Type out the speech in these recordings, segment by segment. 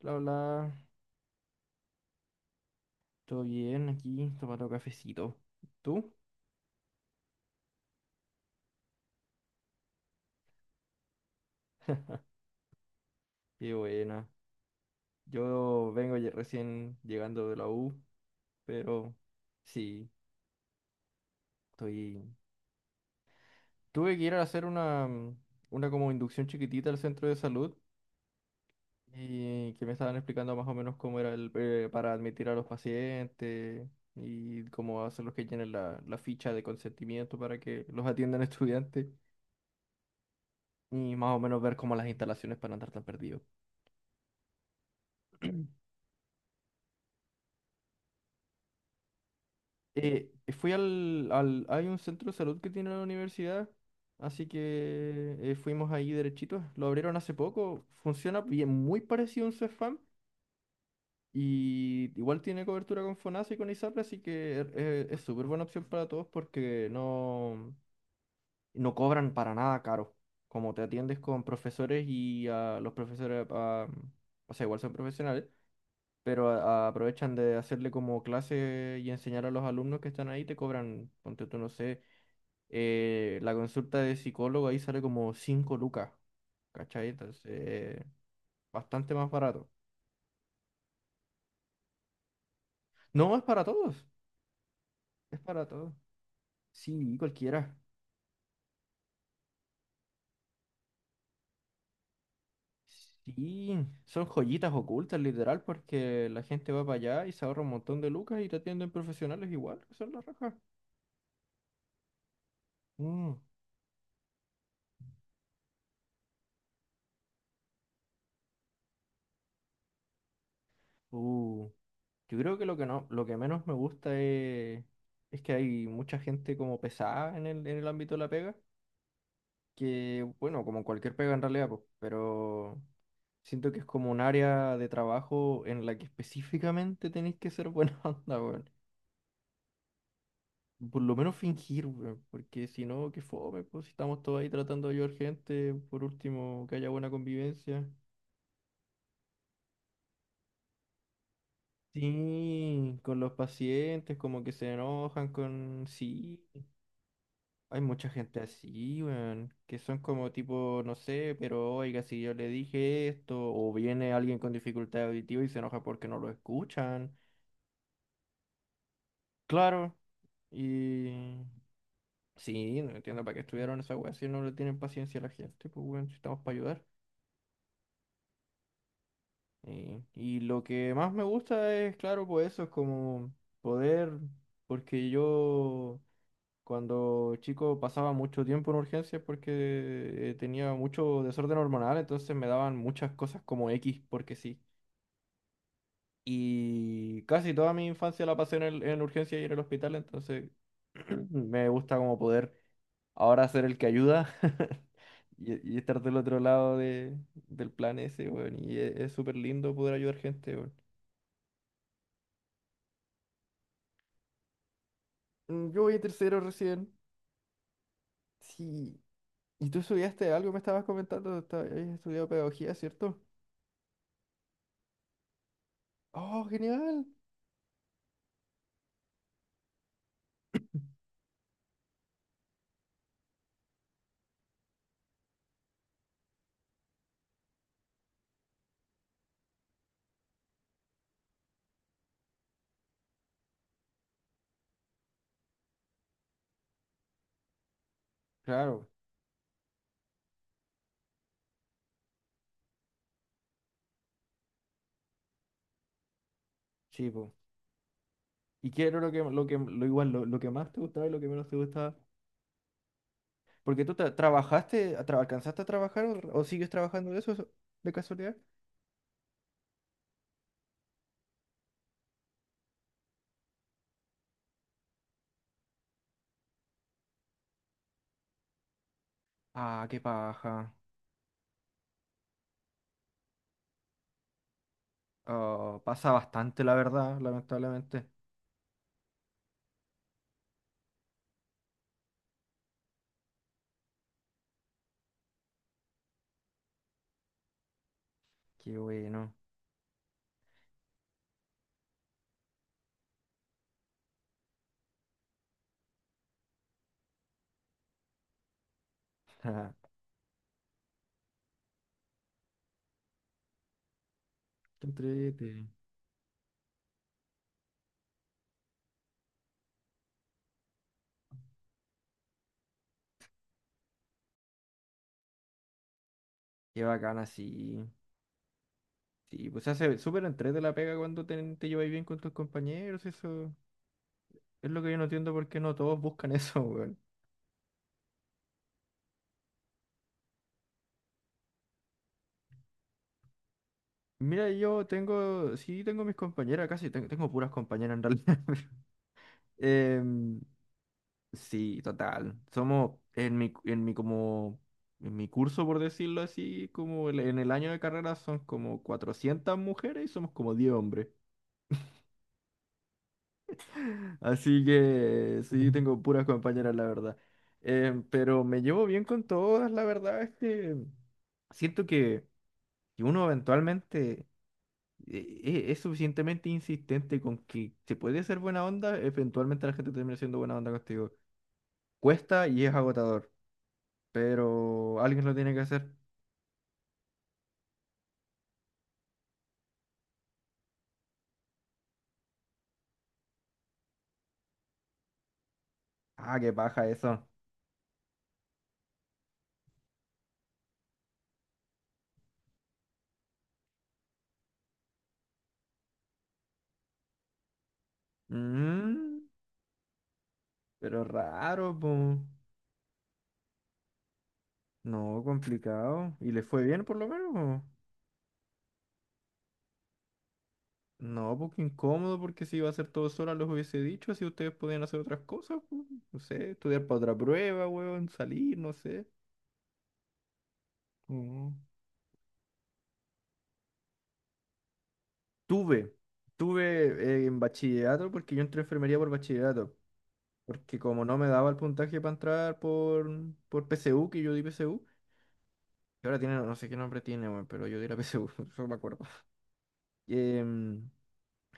Bla, bla, todo bien aquí, tomando cafecito. ¿Tú? Qué buena. Yo vengo recién llegando de la U, pero sí, estoy... Tuve que ir a hacer una, una como inducción chiquitita al centro de salud y que me estaban explicando más o menos cómo era el, para admitir a los pacientes y cómo hacer los que llenen la ficha de consentimiento para que los atiendan estudiantes y más o menos ver cómo las instalaciones para no andar tan perdidos. Fui al Hay un centro de salud que tiene la universidad, así que fuimos ahí derechitos. Lo abrieron hace poco, funciona bien, muy parecido a un Cefam y igual tiene cobertura con FONASA y con ISAPRE, así que es súper buena opción para todos porque no cobran para nada caro. Como te atiendes con profesores y a los profesores, ah, o sea, igual son profesionales, pero aprovechan de hacerle como clase y enseñar a los alumnos que están ahí, te cobran, ponte tú, no sé, la consulta de psicólogo ahí sale como 5 lucas, ¿cachai? Entonces, bastante más barato. No, es para todos, es para todos. Sí, cualquiera. Sí, son joyitas ocultas, literal, porque la gente va para allá y se ahorra un montón de lucas y te atienden profesionales igual, que son las rajas. Mm, uh, Yo creo que lo que no, lo que menos me gusta es que hay mucha gente como pesada en el ámbito de la pega, que, bueno, como en cualquier pega en realidad, pues, pero siento que es como un área de trabajo en la que específicamente tenéis que ser buena onda, weón. Por lo menos fingir, weón. Porque si no, qué fome, pues si estamos todos ahí tratando de ayudar gente, por último, que haya buena convivencia. Sí, con los pacientes, como que se enojan con... Sí, hay mucha gente así, weón, que son como tipo, no sé, pero oiga, si yo le dije esto, o viene alguien con dificultad auditiva y se enoja porque no lo escuchan. Claro, y sí, no entiendo para qué estudiaron esa weá si no le tienen paciencia a la gente, pues weón, si estamos para ayudar. Y lo que más me gusta es, claro, pues eso es como poder, porque yo cuando chico pasaba mucho tiempo en urgencias porque tenía mucho desorden hormonal, entonces me daban muchas cosas como X, porque sí. Y casi toda mi infancia la pasé en urgencias y en el hospital, entonces me gusta como poder ahora ser el que ayuda y, estar del otro lado del plan ese, weón. Y es súper lindo poder ayudar gente, weón. Yo voy a tercero recién. Sí. ¿Y tú estudiaste algo? Me estabas comentando, habías estudiado pedagogía, ¿cierto? ¡Oh, genial! Claro, sí, po. ¿Y qué era lo que más te gustaba y lo que menos te gustaba? Porque tú trabajaste, alcanzaste a trabajar o sigues trabajando de eso, de casualidad. Ah, qué paja. Oh, pasa bastante, la verdad, lamentablemente. Qué bueno. Qué entrete. Qué bacana, sí. Sí, pues se hace súper entrete la pega cuando te lleváis bien con tus compañeros. Eso es lo que yo no entiendo por qué no todos buscan eso, weón. Mira, yo tengo, sí, tengo mis compañeras casi, tengo puras compañeras en realidad. Em, sí, total. Somos en mi curso, por decirlo así, como en el año de carrera son como 400 mujeres y somos como 10 hombres. Así que sí, tengo puras compañeras, la verdad. Pero me llevo bien con todas, la verdad es que siento que uno eventualmente es suficientemente insistente con que se puede ser buena onda, eventualmente la gente termina siendo buena onda contigo. Cuesta y es agotador, pero alguien lo tiene que hacer. Ah, qué paja eso. Mm, pero raro, po. No, complicado. ¿Y le fue bien por lo menos? No, porque incómodo, porque si iba a hacer todo sola, los hubiese dicho, así ustedes podían hacer otras cosas, pu, no sé, estudiar para otra prueba, weón, salir, no sé. Mm. Tuve, tuve en bachillerato, porque yo entré a enfermería por bachillerato, porque como no me daba el puntaje para entrar por PSU, que yo di PSU, que ahora tiene, no sé qué nombre tiene, weón, pero yo di la PSU, eso me acuerdo. Em,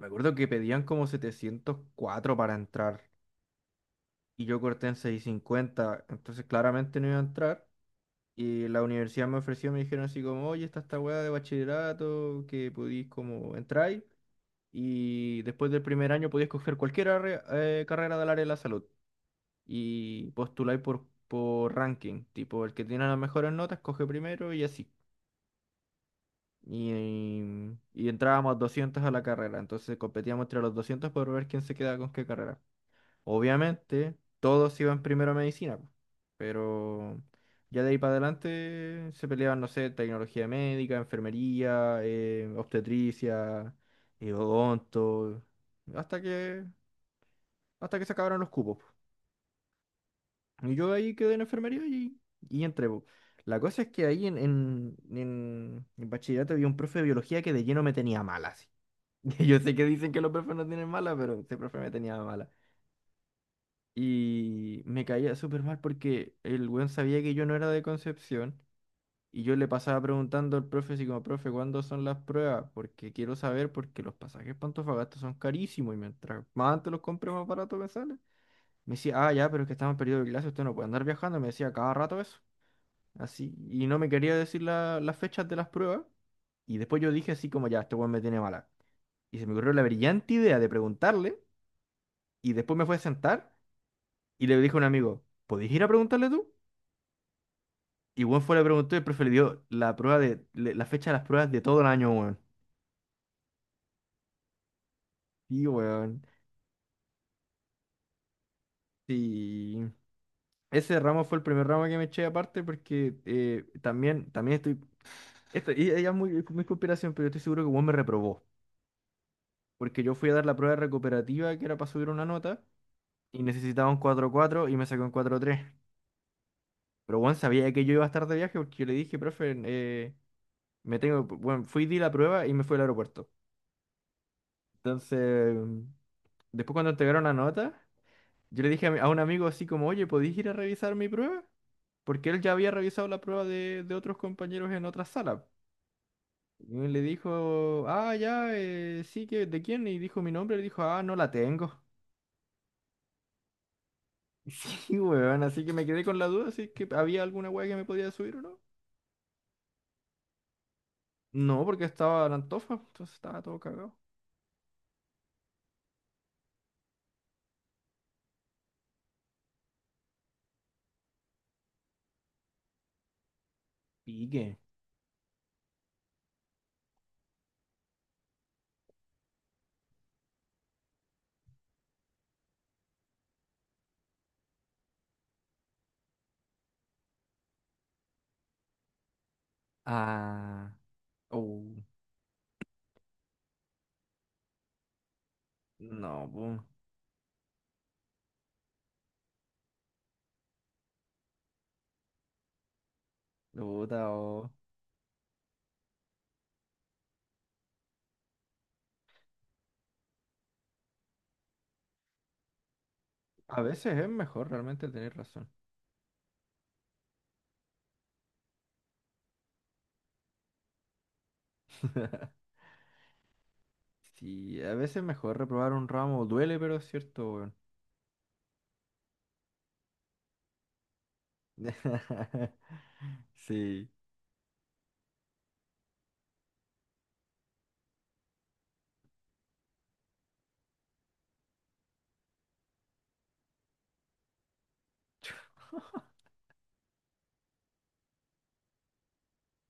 Me acuerdo que pedían como 704 para entrar, y yo corté en 650, entonces claramente no iba a entrar. Y la universidad me ofreció, me dijeron así como, oye, está esta weá de bachillerato, que podís como entrar y después del primer año podís coger cualquier carrera del área de la salud y postuláis por ranking, tipo el que tiene las mejores notas coge primero y así. Y entrábamos 200 a la carrera, entonces competíamos entre los 200 por ver quién se queda con qué carrera. Obviamente, todos iban primero a medicina, po, pero ya de ahí para adelante se peleaban, no sé, tecnología médica, enfermería, obstetricia, odonto, hasta que, hasta que se acabaron los cupos, po. Y yo ahí quedé en enfermería y, entré, po. La cosa es que ahí en bachillerato había un profe de biología que de lleno me tenía mala, así. Yo sé que dicen que los profes no tienen mala, pero ese profe me tenía mala. Y me caía súper mal porque el weón sabía que yo no era de Concepción. Y yo le pasaba preguntando al profe, así como, profe, ¿cuándo son las pruebas? Porque quiero saber, porque los pasajes para Antofagasta son carísimos. Y mientras más antes los compre, más barato me sale. Me decía, ah, ya, pero es que estamos en periodo de clase, usted no puede andar viajando. Me decía cada rato eso. Así. Y no me quería decir las fechas de las pruebas. Y después yo dije así como, ya, este weón me tiene mala. Y se me ocurrió la brillante idea de preguntarle. Y después me fue a sentar. Y le dije a un amigo, ¿podés ir a preguntarle tú? Y weón fue, le preguntó y el profe le dio la prueba la fecha de las pruebas de todo el año, weón. Sí, weón. Sí. Ese ramo fue el primer ramo que me eché aparte porque también estoy. Esto, y ella es muy, muy conspiración, pero yo estoy seguro que weón me reprobó. Porque yo fui a dar la prueba recuperativa que era para subir una nota y necesitaba un cuatro 4 y me sacó un cuatro tres. Pero weón sabía que yo iba a estar de viaje porque yo le dije, profe, me tengo. Bueno, fui, di la prueba y me fui al aeropuerto. Entonces, después cuando entregaron la nota. Yo le dije a un amigo así como, oye, ¿podéis ir a revisar mi prueba? Porque él ya había revisado la prueba de otros compañeros en otra sala. Y él le dijo, ah, ya, sí, que, ¿de quién? Y dijo mi nombre, le dijo, ah, no la tengo. Sí, weón, así que me quedé con la duda si es que había alguna weá que me podía subir o no. No, porque estaba en Antofa, entonces estaba todo cagado. Pique. Ah, oh, no, pum, puta, oh. A veces es mejor realmente tener razón. Sí, a veces mejor reprobar un ramo. Duele, pero es cierto, weón. Sí.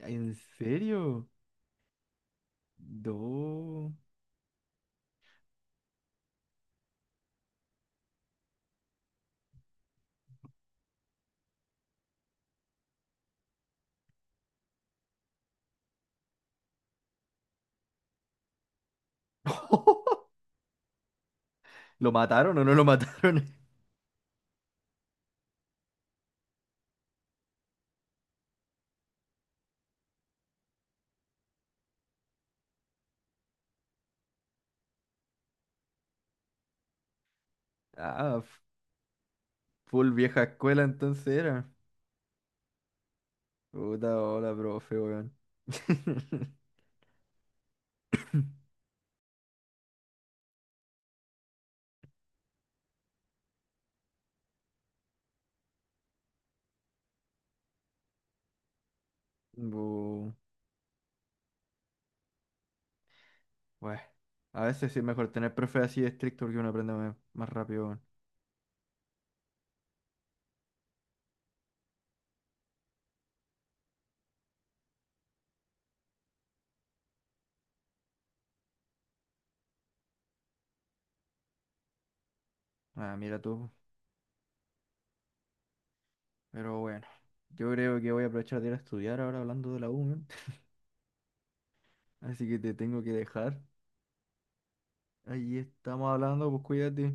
¿En serio? No. ¿Lo mataron o no lo mataron? Ah, full vieja escuela entonces era. Puta, hola, profe, weón. Bu, bueno. A veces sí es mejor tener profes así estricto porque uno aprende más rápido, weón. Ah, mira tú. Pero bueno. Yo creo que voy a aprovechar de ir a estudiar ahora hablando de la U, weón. Así que te tengo que dejar. Ahí estamos hablando, pues cuídate.